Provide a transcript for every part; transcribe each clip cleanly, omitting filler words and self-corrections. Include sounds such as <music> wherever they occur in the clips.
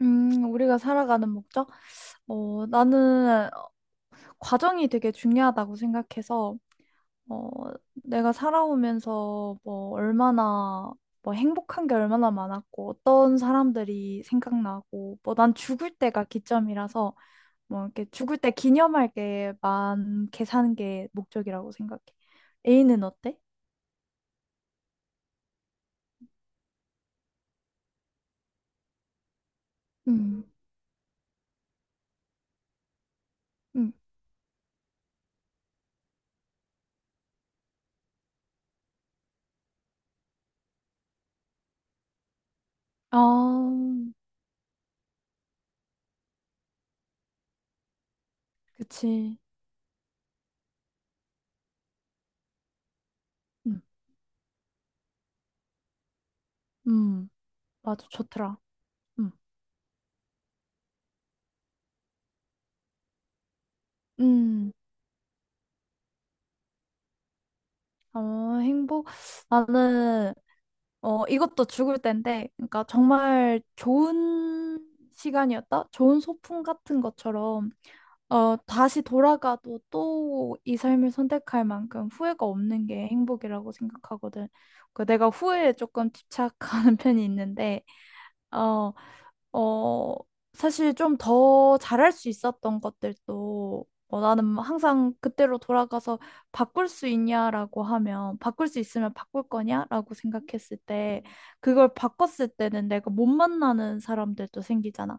우리가 살아가는 목적? 나는 과정이 되게 중요하다고 생각해서, 어, 내가 살아오면서 뭐 얼마나, 뭐 행복한 게 얼마나 많았고, 어떤 사람들이 생각나고, 뭐 난 죽을 때가 기점이라서, 뭐 이렇게 죽을 때 기념할 게 많게 사는 게 목적이라고 생각해. A는 어때? 음, 음. 아, 그치. 음, 음, 맞아, 좋더라. 음. 음. 행복? 나는, 이것도 죽을 때인데, 그러니까 정말 좋은 시간이었다? 좋은 소풍 같은 것처럼, 다시 돌아가도 또 이 삶을 선택할 만큼 후회가 없는 게 행복이라고 생각하거든. 그 내가 후회에 조금 집착하는 <laughs> 편이 있는데, 어, 어, 사실 좀 더 잘할 수 있었던 것들도 나는 항상 그때로 돌아가서 바꿀 수 있냐라고 하면 바꿀 수 있으면 바꿀 거냐라고 생각했을 때 그걸 바꿨을 때는 내가 못 만나는 사람들도 생기잖아.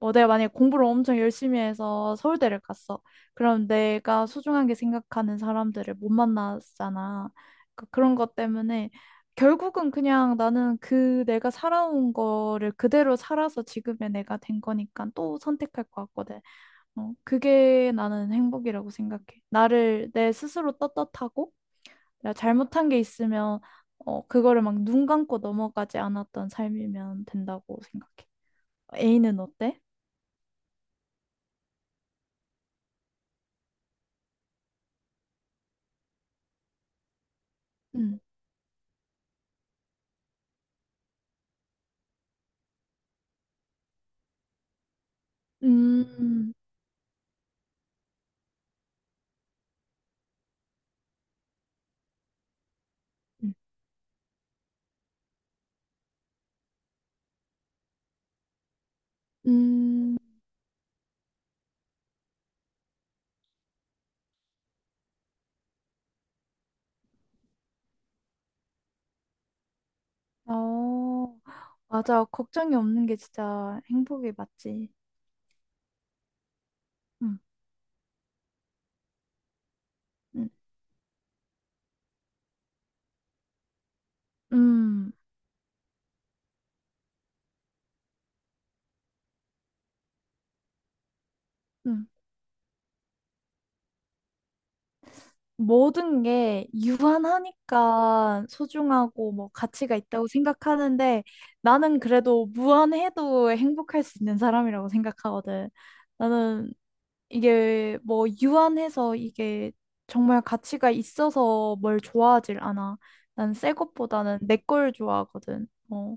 뭐 내가 만약에 공부를 엄청 열심히 해서 서울대를 갔어. 그럼 내가 소중하게 생각하는 사람들을 못 만났잖아. 그런 것 때문에 결국은 그냥 나는 그 내가 살아온 거를 그대로 살아서 지금의 내가 된 거니까 또 선택할 것 같거든. 그게 나는 행복이라고 생각해. 나를 내 스스로 떳떳하고 내가 잘못한 게 있으면 그거를 막 눈 감고 넘어가지 않았던 삶이면 된다고 생각해. A는 어때? 음, 음, 어, 맞아. 걱정이 없는 게 진짜 행복이 맞지. 음, 음, 음, 음. 모든 게 유한하니까 소중하고 뭐 가치가 있다고 생각하는데 나는 그래도 무한해도 행복할 수 있는 사람이라고 생각하거든. 나는 이게 뭐 유한해서 이게 정말 가치가 있어서 뭘 좋아하질 않아. 난 새 것보다는 내 걸 좋아하거든.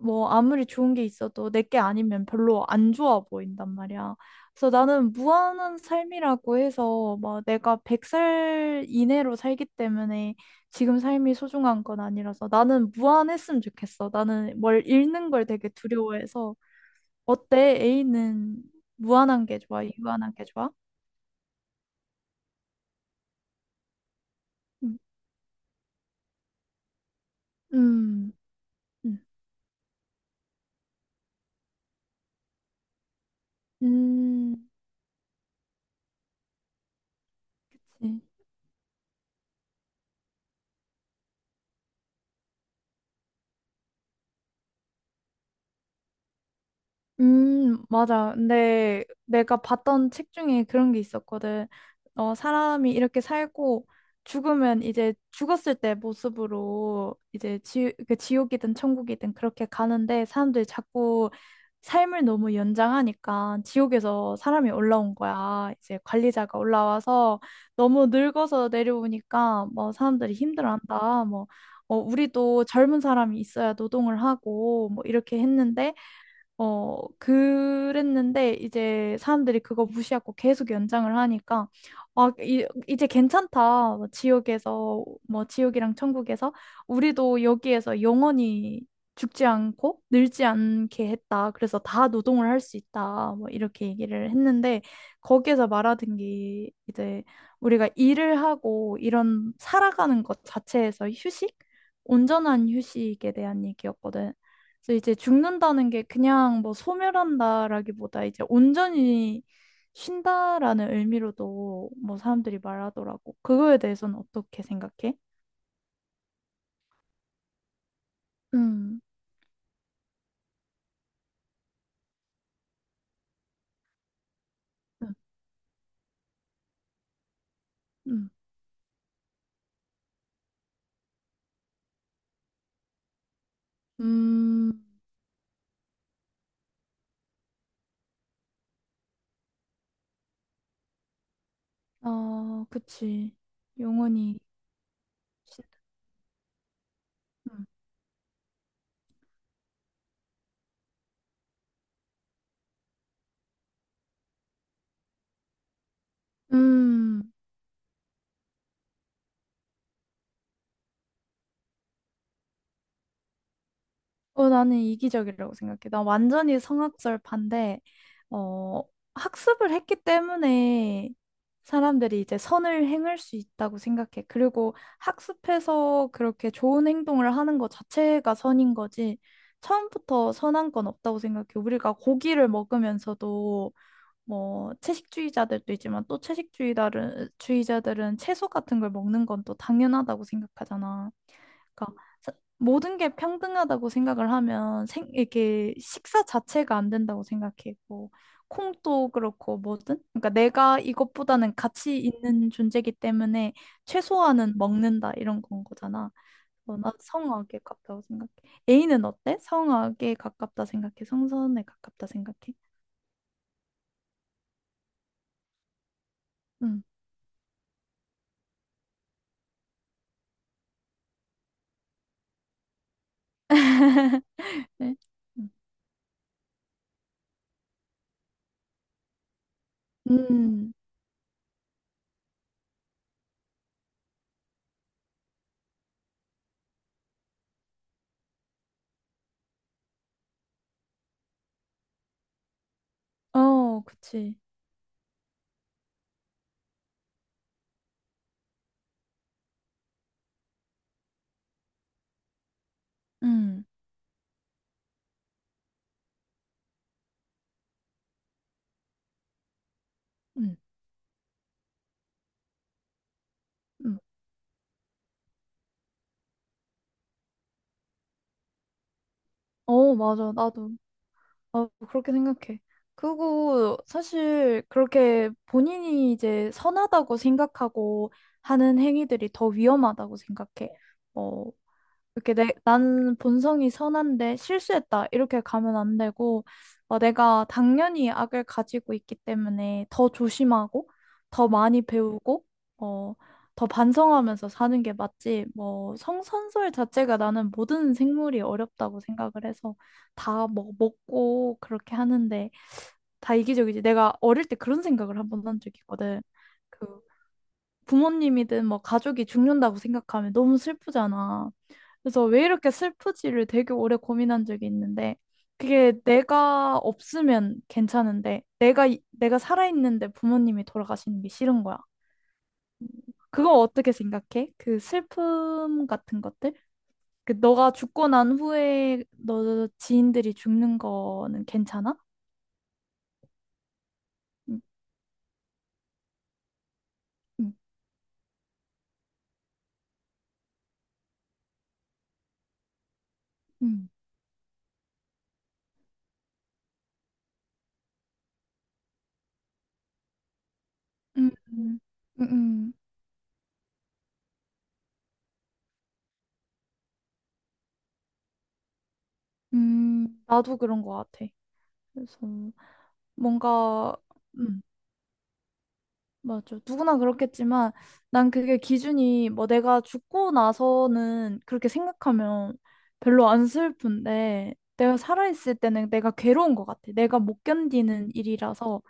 뭐 아무리 좋은 게 있어도 내 게 아니면 별로 안 좋아 보인단 말이야. 그래서 나는 무한한 삶이라고 해서 막 내가 100살 이내로 살기 때문에 지금 삶이 소중한 건 아니라서 나는 무한했으면 좋겠어. 나는 뭘 잃는 걸 되게 두려워해서 어때? A는 무한한 게 좋아? 유한한 게 좋아? 음. 음. 음. 음. 그치. 맞아. 근데 내가 봤던 책 중에 그런 게 있었거든. 사람이 이렇게 살고 죽으면 이제 죽었을 때 모습으로 이제 그 지옥이든 천국이든 그렇게 가는데 사람들이 자꾸 삶을 너무 연장하니까 지옥에서 사람이 올라온 거야. 이제 관리자가 올라와서 너무 늙어서 내려오니까 뭐 사람들이 힘들어한다. 뭐, 우리도 젊은 사람이 있어야 노동을 하고 뭐 이렇게 했는데 그랬는데 이제 사람들이 그거 무시하고 계속 연장을 하니까 아, 이제 괜찮다. 뭐 지옥에서 뭐 지옥이랑 천국에서 우리도 여기에서 영원히 죽지 않고 늙지 않게 했다. 그래서 다 노동을 할 수 있다. 뭐 이렇게 얘기를 했는데 거기에서 말하던 게 이제 우리가 일을 하고 이런 살아가는 것 자체에서 휴식? 온전한 휴식에 대한 얘기였거든. 그래서 이제 죽는다는 게 그냥 뭐 소멸한다라기보다 이제 온전히 쉰다라는 의미로도 뭐 사람들이 말하더라고. 그거에 대해서는 어떻게 생각해? 음, 음, 음, 음, 그치. 영원히 쉰다. 음, 음. 나는 이기적이라고 생각해. 난 완전히 성악설 반대, 어, 학습을 했기 때문에 사람들이 이제 선을 행할 수 있다고 생각해. 그리고 학습해서 그렇게 좋은 행동을 하는 것 자체가 선인 거지. 처음부터 선한 건 없다고 생각해. 우리가 고기를 먹으면서도 뭐 채식주의자들도 있지만 또 채식주의자들은 주의자들은 채소 같은 걸 먹는 건 또 당연하다고 생각하잖아. 그러니까 모든 게 평등하다고 생각을 하면 이게 식사 자체가 안 된다고 생각해. 뭐 콩도 그렇고 뭐든. 그러니까 내가 이것보다는 가치 있는 존재이기 때문에 최소한은 먹는다 이런 건 거잖아. 난 성악에 가깝다고 생각해. A는 어때? 성악에 가깝다 생각해? 성선에 가깝다 생각해? 응. <laughs> 네. 음, 음, 그치. 음, 음, 음. 맞아. 나도. 그렇게 생각해. 그리고 사실 그렇게 본인이 이제 선하다고 생각하고 하는 행위들이 더 위험하다고 생각해. 어, 이렇게 나는 본성이 선한데 실수했다. 이렇게 가면 안 되고, 내가 당연히 악을 가지고 있기 때문에 더 조심하고, 더 많이 배우고, 어, 더 반성하면서 사는 게 맞지. 뭐, 성선설 자체가 나는 모든 생물이 어렵다고 생각을 해서 다 뭐, 먹고 그렇게 하는데 다 이기적이지. 내가 어릴 때 그런 생각을 한 번 한 적이 있거든. 그 부모님이든 뭐 가족이 죽는다고 생각하면 너무 슬프잖아. 그래서 왜 이렇게 슬프지를 되게 오래 고민한 적이 있는데 그게 내가 없으면 괜찮은데 내가 내가 살아있는데 부모님이 돌아가시는 게 싫은 거야. 그거 어떻게 생각해? 그 슬픔 같은 것들? 그 너가 죽고 난 후에 너 지인들이 죽는 거는 괜찮아? 음, 음, 음, 음, 음, 음, 나도 그런 거 같아. 그래서 뭔가 음. 맞아. 누구나 그렇겠지만 난 그게 기준이 뭐 내가 죽고 나서는 그렇게 생각하면 별로 안 슬픈데 내가 살아있을 때는 내가 괴로운 것 같아. 내가 못 견디는 일이라서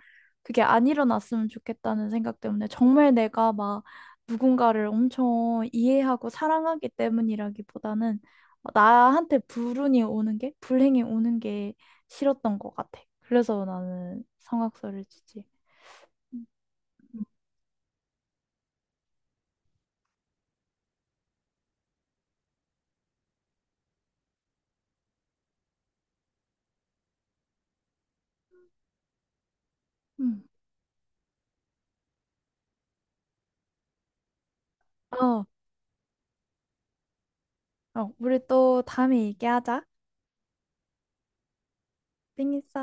그게 안 일어났으면 좋겠다는 생각 때문에 정말 내가 막 누군가를 엄청 이해하고 사랑하기 때문이라기보다는 나한테 불운이 오는 게, 불행이 오는 게 싫었던 것 같아. 그래서 나는 성악설을 치지. 음. 아, 우리 또 다음에 얘기하자. 땡있어.